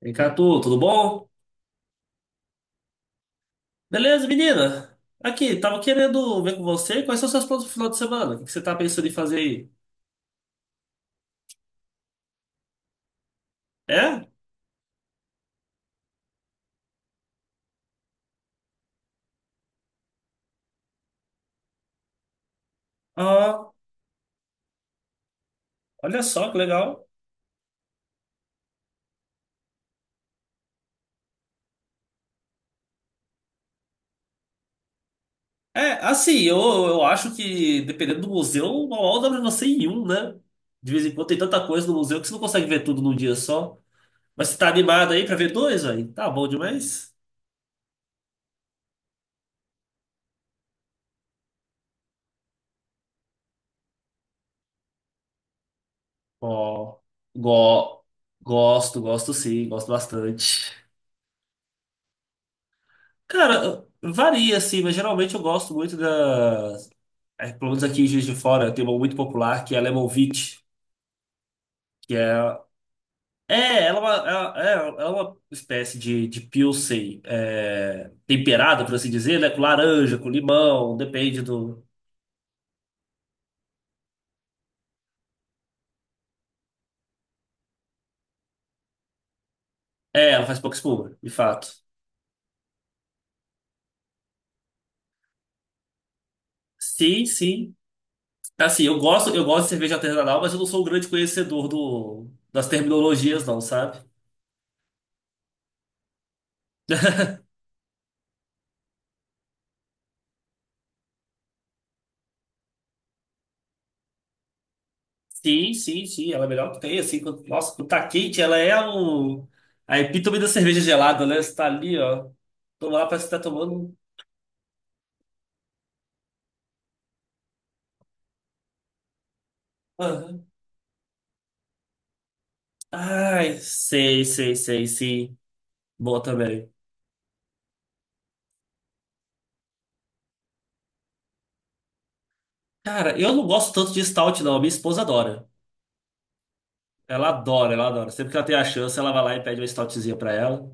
Vem tu, tudo bom? Beleza, menina? Aqui, tava querendo ver com você quais são seus planos pro final de semana. O que que você tá pensando em fazer aí? É? Ah, olha só que legal. É, assim, eu acho que dependendo do museu, mal dá pra você ir em um, né? De vez em quando tem tanta coisa no museu que você não consegue ver tudo num dia só. Mas você tá animado aí pra ver dois, aí? Tá bom demais? Ó, go, gosto sim, gosto bastante. Cara, varia assim, mas geralmente eu gosto muito da pelo menos aqui em Juiz de Fora, tem uma muito popular que é a Lemon Wheat, que é, ela é uma espécie de Pilsen, temperada, por assim dizer, né? Com laranja, com limão, depende do. É, ela faz pouca espuma, de fato. Sim, sim. Assim, eu gosto de cerveja artesanal, mas eu não sou um grande conhecedor das terminologias, não, sabe? Sim, sim, sim, ela é a melhor que tem, assim, quando, nossa, quando tá quente, ela é a epítome da cerveja gelada, né? Você tá ali, ó, toma lá, parece que tá tomando. Aham. Ai, sei, sei, sei, sim, boa também. Cara, eu não gosto tanto de stout, não, a minha esposa adora, ela adora, ela adora, sempre que ela tem a chance, ela vai lá e pede uma stoutzinha pra ela,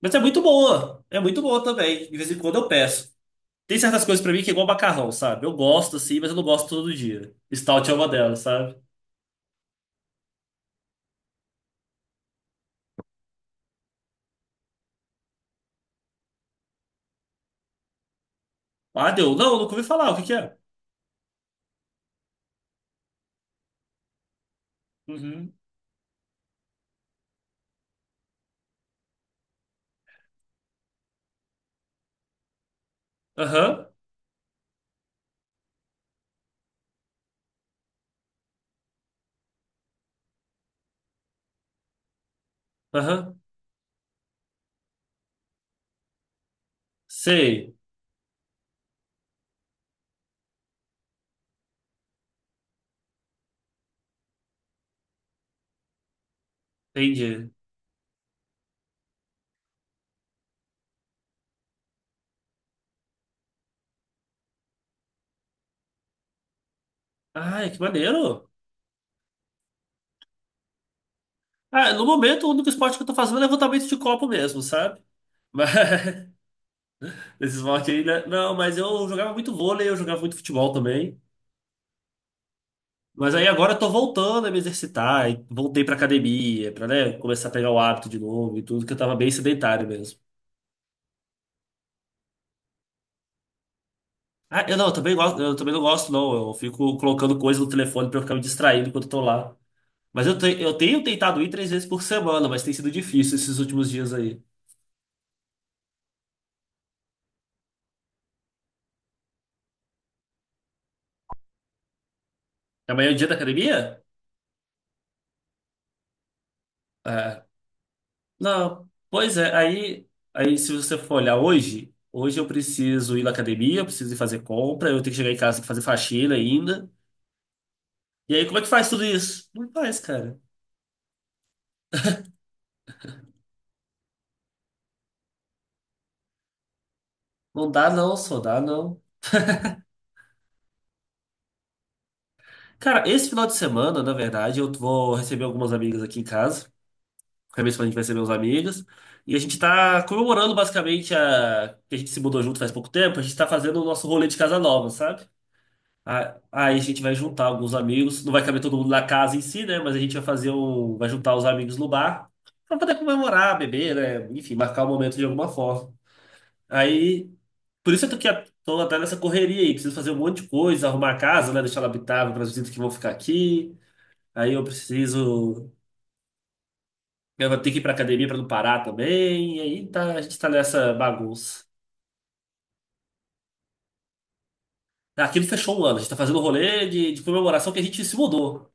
mas é muito boa também, de vez em quando eu peço. Tem certas coisas pra mim que é igual macarrão, sabe? Eu gosto, assim, mas eu não gosto todo dia. Stout é uma delas, sabe? Ah, deu. Não, nunca ouvi falar. O que que é? Uhum. Aham. Aham. Sei. Entendi. Ai, que maneiro. Ah, no momento, o único esporte que eu tô fazendo é levantamento de copo mesmo, sabe? Mas, esse esporte aí, né? Não, mas eu jogava muito vôlei, eu jogava muito futebol também. Mas aí agora eu tô voltando a me exercitar, e voltei pra academia, pra, né, começar a pegar o hábito de novo e tudo, que eu tava bem sedentário mesmo. Ah, eu não, eu também gosto, eu também não gosto, não. Eu fico colocando coisa no telefone pra eu ficar me distraindo enquanto eu tô lá. Mas eu tenho tentado ir 3 vezes por semana, mas tem sido difícil esses últimos dias aí. Amanhã é o dia da academia? É. Não, pois é. Aí se você for olhar hoje, hoje eu preciso ir na academia, eu preciso ir fazer compra, eu tenho que chegar em casa e fazer faxina ainda. E aí, como é que faz tudo isso? Não faz, cara. Não dá não, só dá não. Cara, esse final de semana, na verdade, eu vou receber algumas amigas aqui em casa. Acabei de falar, a gente vai ser meus amigos. E a gente tá comemorando basicamente que a gente se mudou junto faz pouco tempo. A gente tá fazendo o nosso rolê de casa nova, sabe? Aí a gente vai juntar alguns amigos. Não vai caber todo mundo na casa em si, né? Mas a gente vai fazer um. Vai juntar os amigos no bar pra poder comemorar, beber, né? Enfim, marcar o momento de alguma forma. Aí. Por isso eu tô aqui, tô até nessa correria aí. Preciso fazer um monte de coisa, arrumar a casa, né? Deixar ela habitável para as visitas que vão ficar aqui. Aí eu preciso Eu vou ter que ir pra academia pra não parar também. E aí tá, a gente tá nessa bagunça. Aquilo fechou um ano. A gente tá fazendo um rolê de comemoração que a gente se mudou.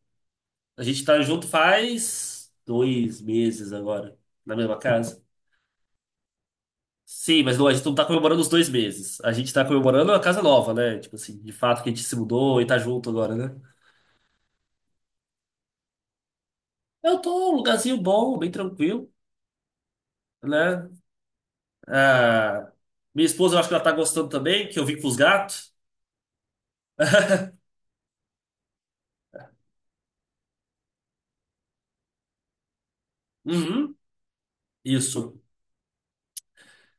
A gente tá junto faz 2 meses agora, na mesma casa. Sim, mas não, a gente não tá comemorando os 2 meses. A gente tá comemorando a casa nova, né? Tipo assim, de fato que a gente se mudou e tá junto agora, né? Eu tô num lugarzinho bom, bem tranquilo, né? Ah, minha esposa, eu acho que ela tá gostando também, que eu vim com os gatos. Uhum, isso.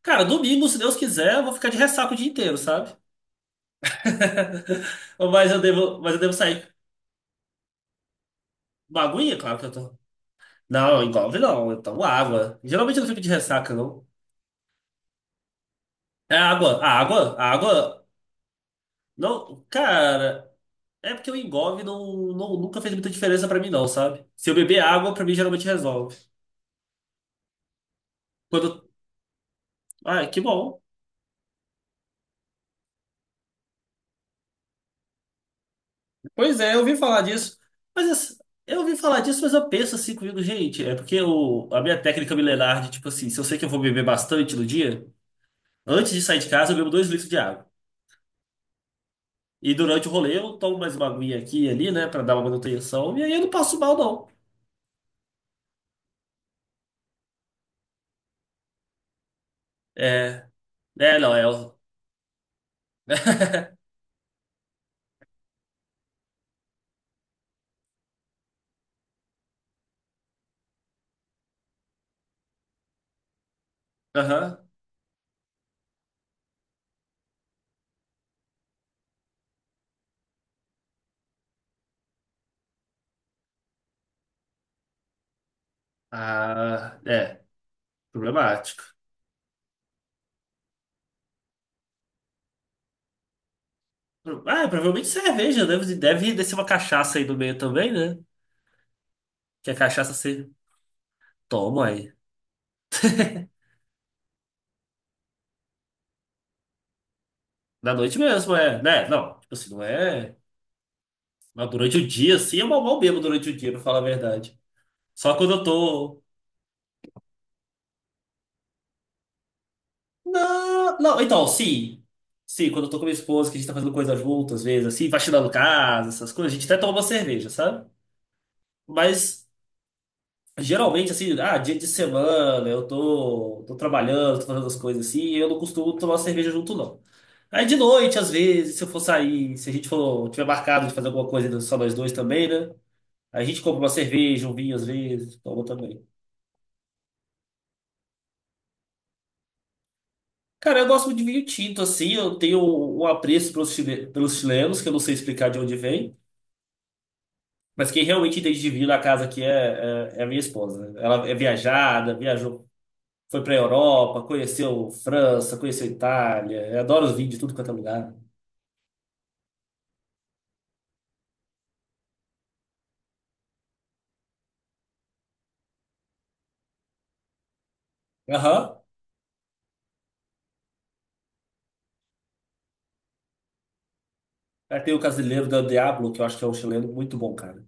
Cara, domingo, se Deus quiser, eu vou ficar de ressaca o dia inteiro, sabe? Mas eu devo sair com uma aguinha, claro que eu tô. Não, engolve não, eu tomo água. Geralmente eu não fico de ressaca, não. É água, a água, a água. Não, cara, é porque o engolve não, não, nunca fez muita diferença pra mim, não, sabe? Se eu beber água, pra mim geralmente resolve. Quando. Ah, que bom. Pois é, eu ouvi falar disso. Mas assim, eu ouvi falar disso, mas eu penso assim comigo, gente. É porque a minha técnica milenar de, tipo assim, se eu sei que eu vou beber bastante no dia. Antes de sair de casa, eu bebo 2 litros de água. E durante o rolê, eu tomo mais uma aguinha aqui e ali, né, pra dar uma manutenção. E aí eu não passo mal, não. É. É, não, é. Aham. Ah, é. Problemático. Ah, provavelmente cerveja. Deve descer uma cachaça aí no meio também, né? Que a cachaça você toma aí. Na noite mesmo, é. Né? Não, tipo assim, não é. Mas durante o dia, assim, eu mal mal bebo durante o dia, pra falar a verdade. Só quando eu tô. Não, não, então, sim. Sim, quando eu tô com minha esposa, que a gente tá fazendo coisa junto, às vezes, assim, faxinando casa, essas coisas, a gente até toma uma cerveja, sabe? Mas, geralmente, assim, dia de semana, eu tô trabalhando, tô fazendo as coisas assim, e eu não costumo tomar cerveja junto, não. Aí, de noite, às vezes, se eu for sair, se a gente for, tiver marcado de fazer alguma coisa só nós dois também, né? A gente compra uma cerveja, um vinho, às vezes, toma também. Cara, eu gosto muito de vinho tinto, assim, eu tenho um apreço pelos chilenos, que eu não sei explicar de onde vem. Mas quem realmente entende de vinho na casa aqui é a minha esposa. Ela é viajada, viajou, foi pra Europa, conheceu França, conheceu Itália. Adora os vinhos de tudo quanto é lugar. Aham. Aí, tem o Casileiro da Diablo, que eu acho que é um chileno muito bom, cara.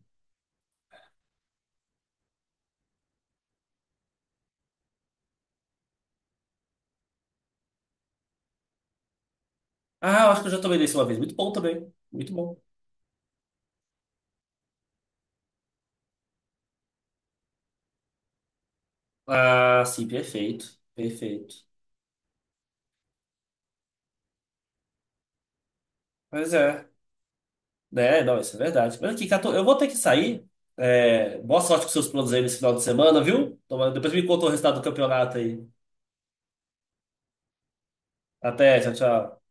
Ah, eu acho que eu já tomei desse uma vez. Muito bom também. Muito bom. Ah, sim, perfeito. Perfeito. Pois é. É, não, isso é verdade. Mas aqui, Cato, eu vou ter que sair. É, boa sorte com seus planos aí nesse final de semana, viu? Depois me conta o resultado do campeonato aí. Até, tchau, tchau.